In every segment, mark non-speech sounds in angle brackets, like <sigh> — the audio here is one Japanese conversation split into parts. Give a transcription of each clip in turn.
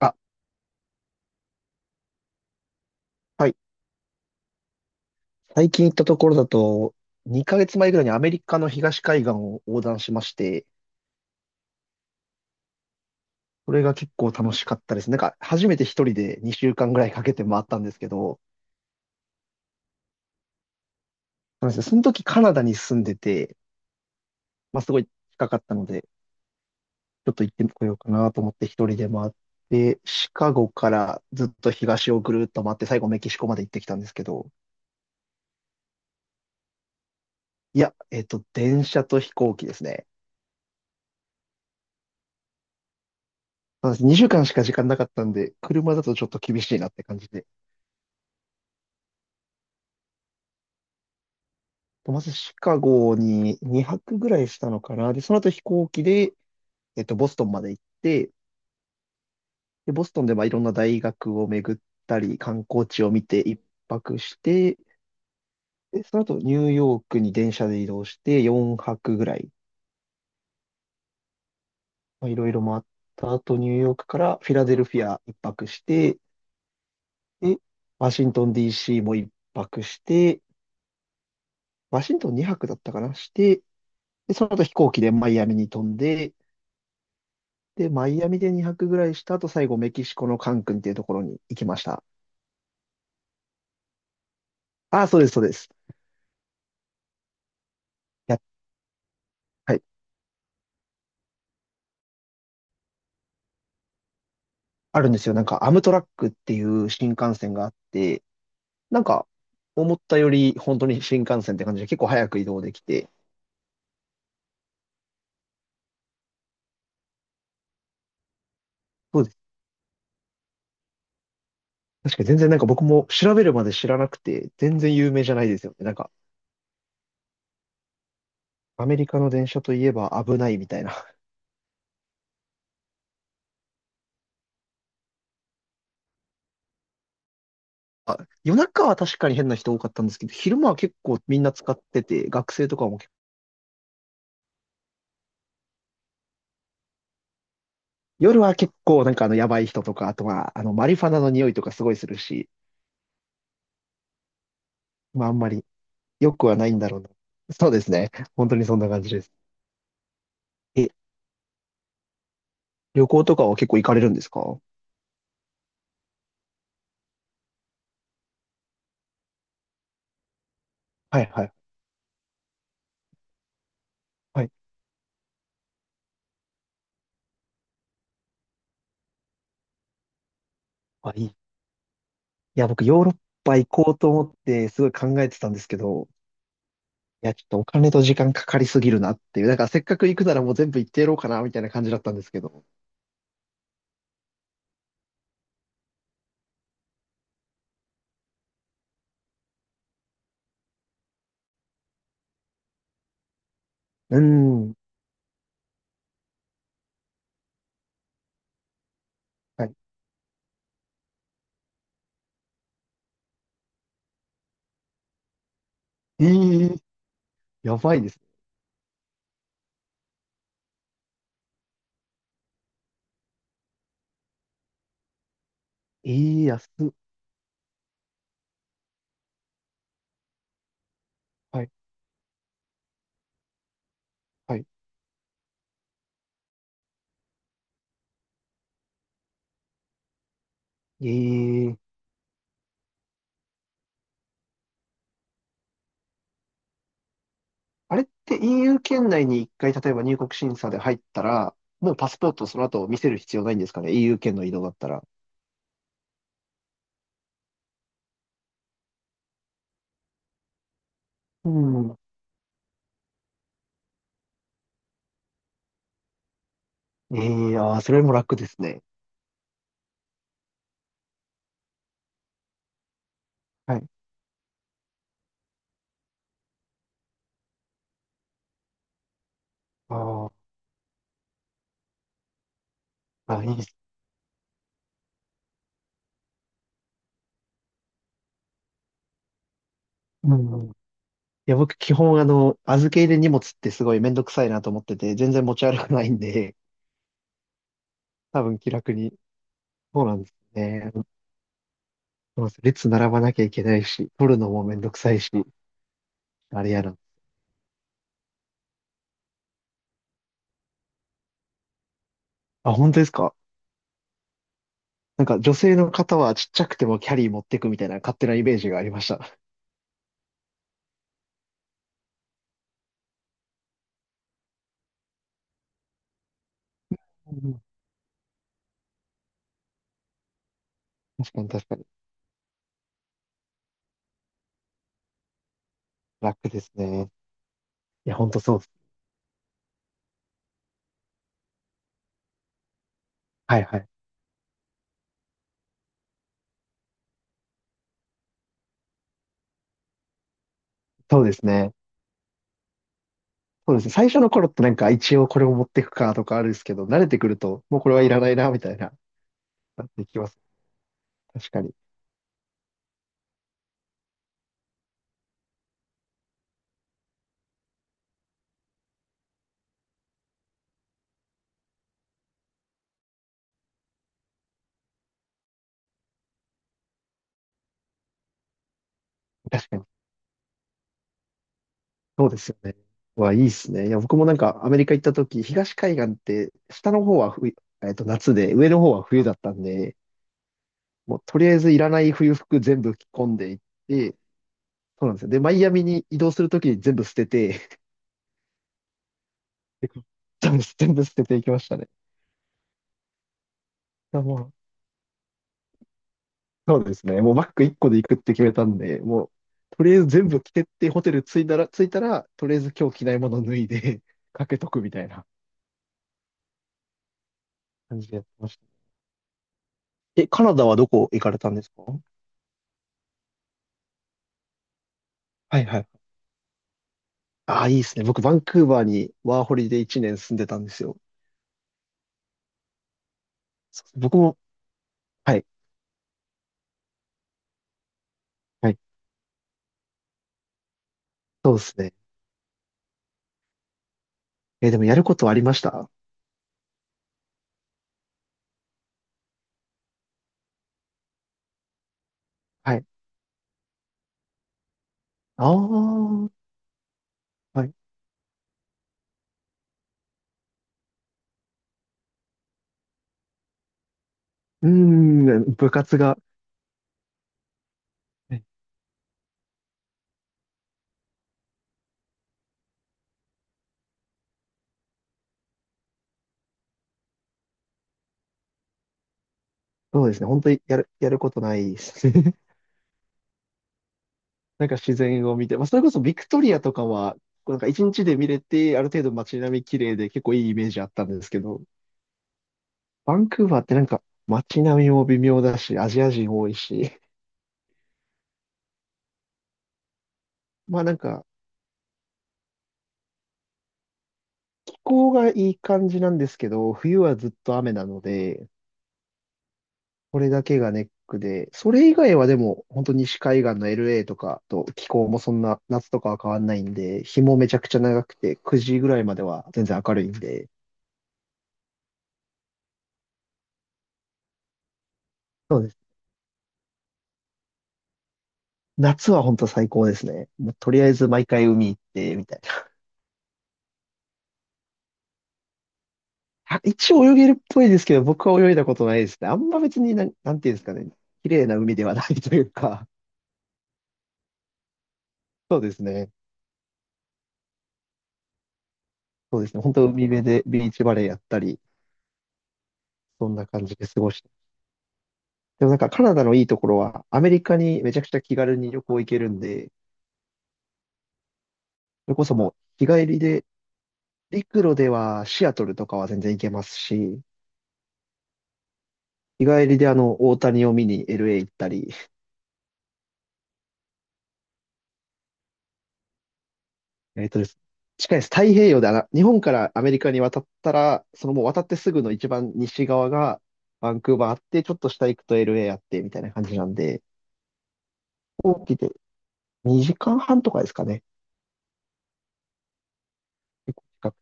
あ、はい。最近行ったところだと、2ヶ月前ぐらいにアメリカの東海岸を横断しまして、それが結構楽しかったです。なんか、初めて一人で2週間ぐらいかけて回ったんですけど、そうなんですよ、その時カナダに住んでて、まあ、すごい近かったので、ちょっと行ってこようかなと思って一人で回って、シカゴからずっと東をぐるっと回って、最後メキシコまで行ってきたんですけど、いや、電車と飛行機ですね。そうなんです。2週間しか時間なかったんで、車だとちょっと厳しいなって感じで。と、まずシカゴに2泊ぐらいしたのかな。で、その後飛行機で、ボストンまで行って、で、ボストンでまあいろんな大学を巡ったり、観光地を見て1泊して、で、その後ニューヨークに電車で移動して4泊ぐらい、まあ、いろいろ回った後、ニューヨークからフィラデルフィア1泊して、で、ワシントン DC も1泊して、ワシントン2泊だったかな、して、で、その後飛行機でマイアミに飛んで、で、マイアミで2泊ぐらいした後、最後メキシコのカンクンっていうところに行きました。ああ、そうです、そうです。いや、はい。あるんですよ。なんか、アムトラックっていう新幹線があって、なんか、思ったより本当に新幹線って感じで結構早く移動できて、そうです。確かに全然なんか僕も調べるまで知らなくて、全然有名じゃないですよね。なんか、アメリカの電車といえば危ないみたいな。あ、夜中は確かに変な人多かったんですけど、昼間は結構みんな使ってて、学生とかも夜は結構なんかあのやばい人とか、あとはあのマリファナの匂いとかすごいするし、まああんまり良くはないんだろうな。そうですね。本当にそんな感じです。え、旅行とかは結構行かれるんですか？はいはいはい。あ、いい。いや、僕ヨーロッパ行こうと思ってすごい考えてたんですけど、いや、ちょっとお金と時間かかりすぎるなっていう、なんかせっかく行くならもう全部行ってやろうかなみたいな感じだったんですけど。うーん。はい。ええ、やばいですね。ええ、安っ。はいはい。ええ、あれって EU 圏内に一回、例えば入国審査で入ったら、もうパスポートその後見せる必要ないんですかね？ EU 圏の移動だったら。うん。ええ、ああ、それも楽ですね。はい。ああ、あ、いいです。うん。いや、僕、基本、あの、預け入れ荷物ってすごいめんどくさいなと思ってて、全然持ち歩かないんで、多分気楽に。そうなんですね。そうなんです、列並ばなきゃいけないし、取るのもめんどくさいし、あれやな。あ、本当ですか？なんか女性の方はちっちゃくてもキャリー持ってくみたいな勝手なイメージがありました。うん、確かに確かに。楽ですね。いや、ほんとそうです。はいはい。そうですね。そうですね。最初の頃ってなんか一応これを持っていくかとかあるんですけど、慣れてくるともうこれはいらないなみたいな、なっていきます。確かに。確かに。そうですよね。わ、いいっすね。いや、僕もなんかアメリカ行った時、東海岸って下の方は冬、夏で、上の方は冬だったんで、もうとりあえずいらない冬服全部着込んでいって、そうなんですよ。で、マイアミに移動するときに全部捨てて、<laughs> 全部、全部捨てていきましたね。いやもうそうですね。もうバッグ1個で行くって決めたんで、もう、とりあえず全部着てって、ホテル着いたら、とりあえず今日着ないもの脱いで <laughs> かけとくみたいな感じでやってました。え、カナダはどこ行かれたんですか？はいはい。ああ、いいですね。僕、バンクーバーにワーホリで1年住んでたんですよ。そう僕も、はい、はい、そうですね。えーでもやることはありました？はい。ああ、はい。うーん、部活が、はい。そうですね。本当にやることないです。<laughs> なんか自然を見て、まあ、それこそビクトリアとかは、なんか一日で見れて、ある程度街並み綺麗で結構いいイメージあったんですけど、バンクーバーってなんか街並みも微妙だし、アジア人多いし、まあなんか気候がいい感じなんですけど、冬はずっと雨なので、これだけがネックで、それ以外はでも本当西海岸の LA とかと気候もそんな夏とかは変わんないんで、日もめちゃくちゃ長くて9時ぐらいまでは全然明るいんで、夏は本当最高ですね。もうとりあえず毎回海行って、みたいな。あ、一応泳げるっぽいですけど、僕は泳いだことないですね。あんま別になんていうんですかね。綺麗な海ではないというか。そうですね。そうですね。本当海辺でビーチバレーやったり、そんな感じで過ごして。でもなんかカナダのいいところは、アメリカにめちゃくちゃ気軽に旅行行けるんで、それこそもう日帰りで、陸路ではシアトルとかは全然行けますし、日帰りであの、大谷を見に LA 行ったり、えっとです。近いです。太平洋であの日本からアメリカに渡ったら、そのもう渡ってすぐの一番西側がバンクーバーあって、ちょっと下行くと LA あって、みたいな感じなんで、飛行機で2時間半とかですかね。結構近くて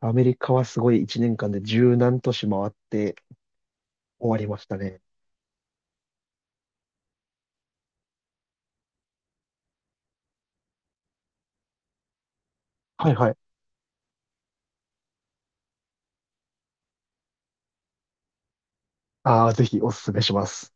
アメリカはすごい1年間で十何都市回って終わりましたね。はいはい。ああ、ぜひおすすめします。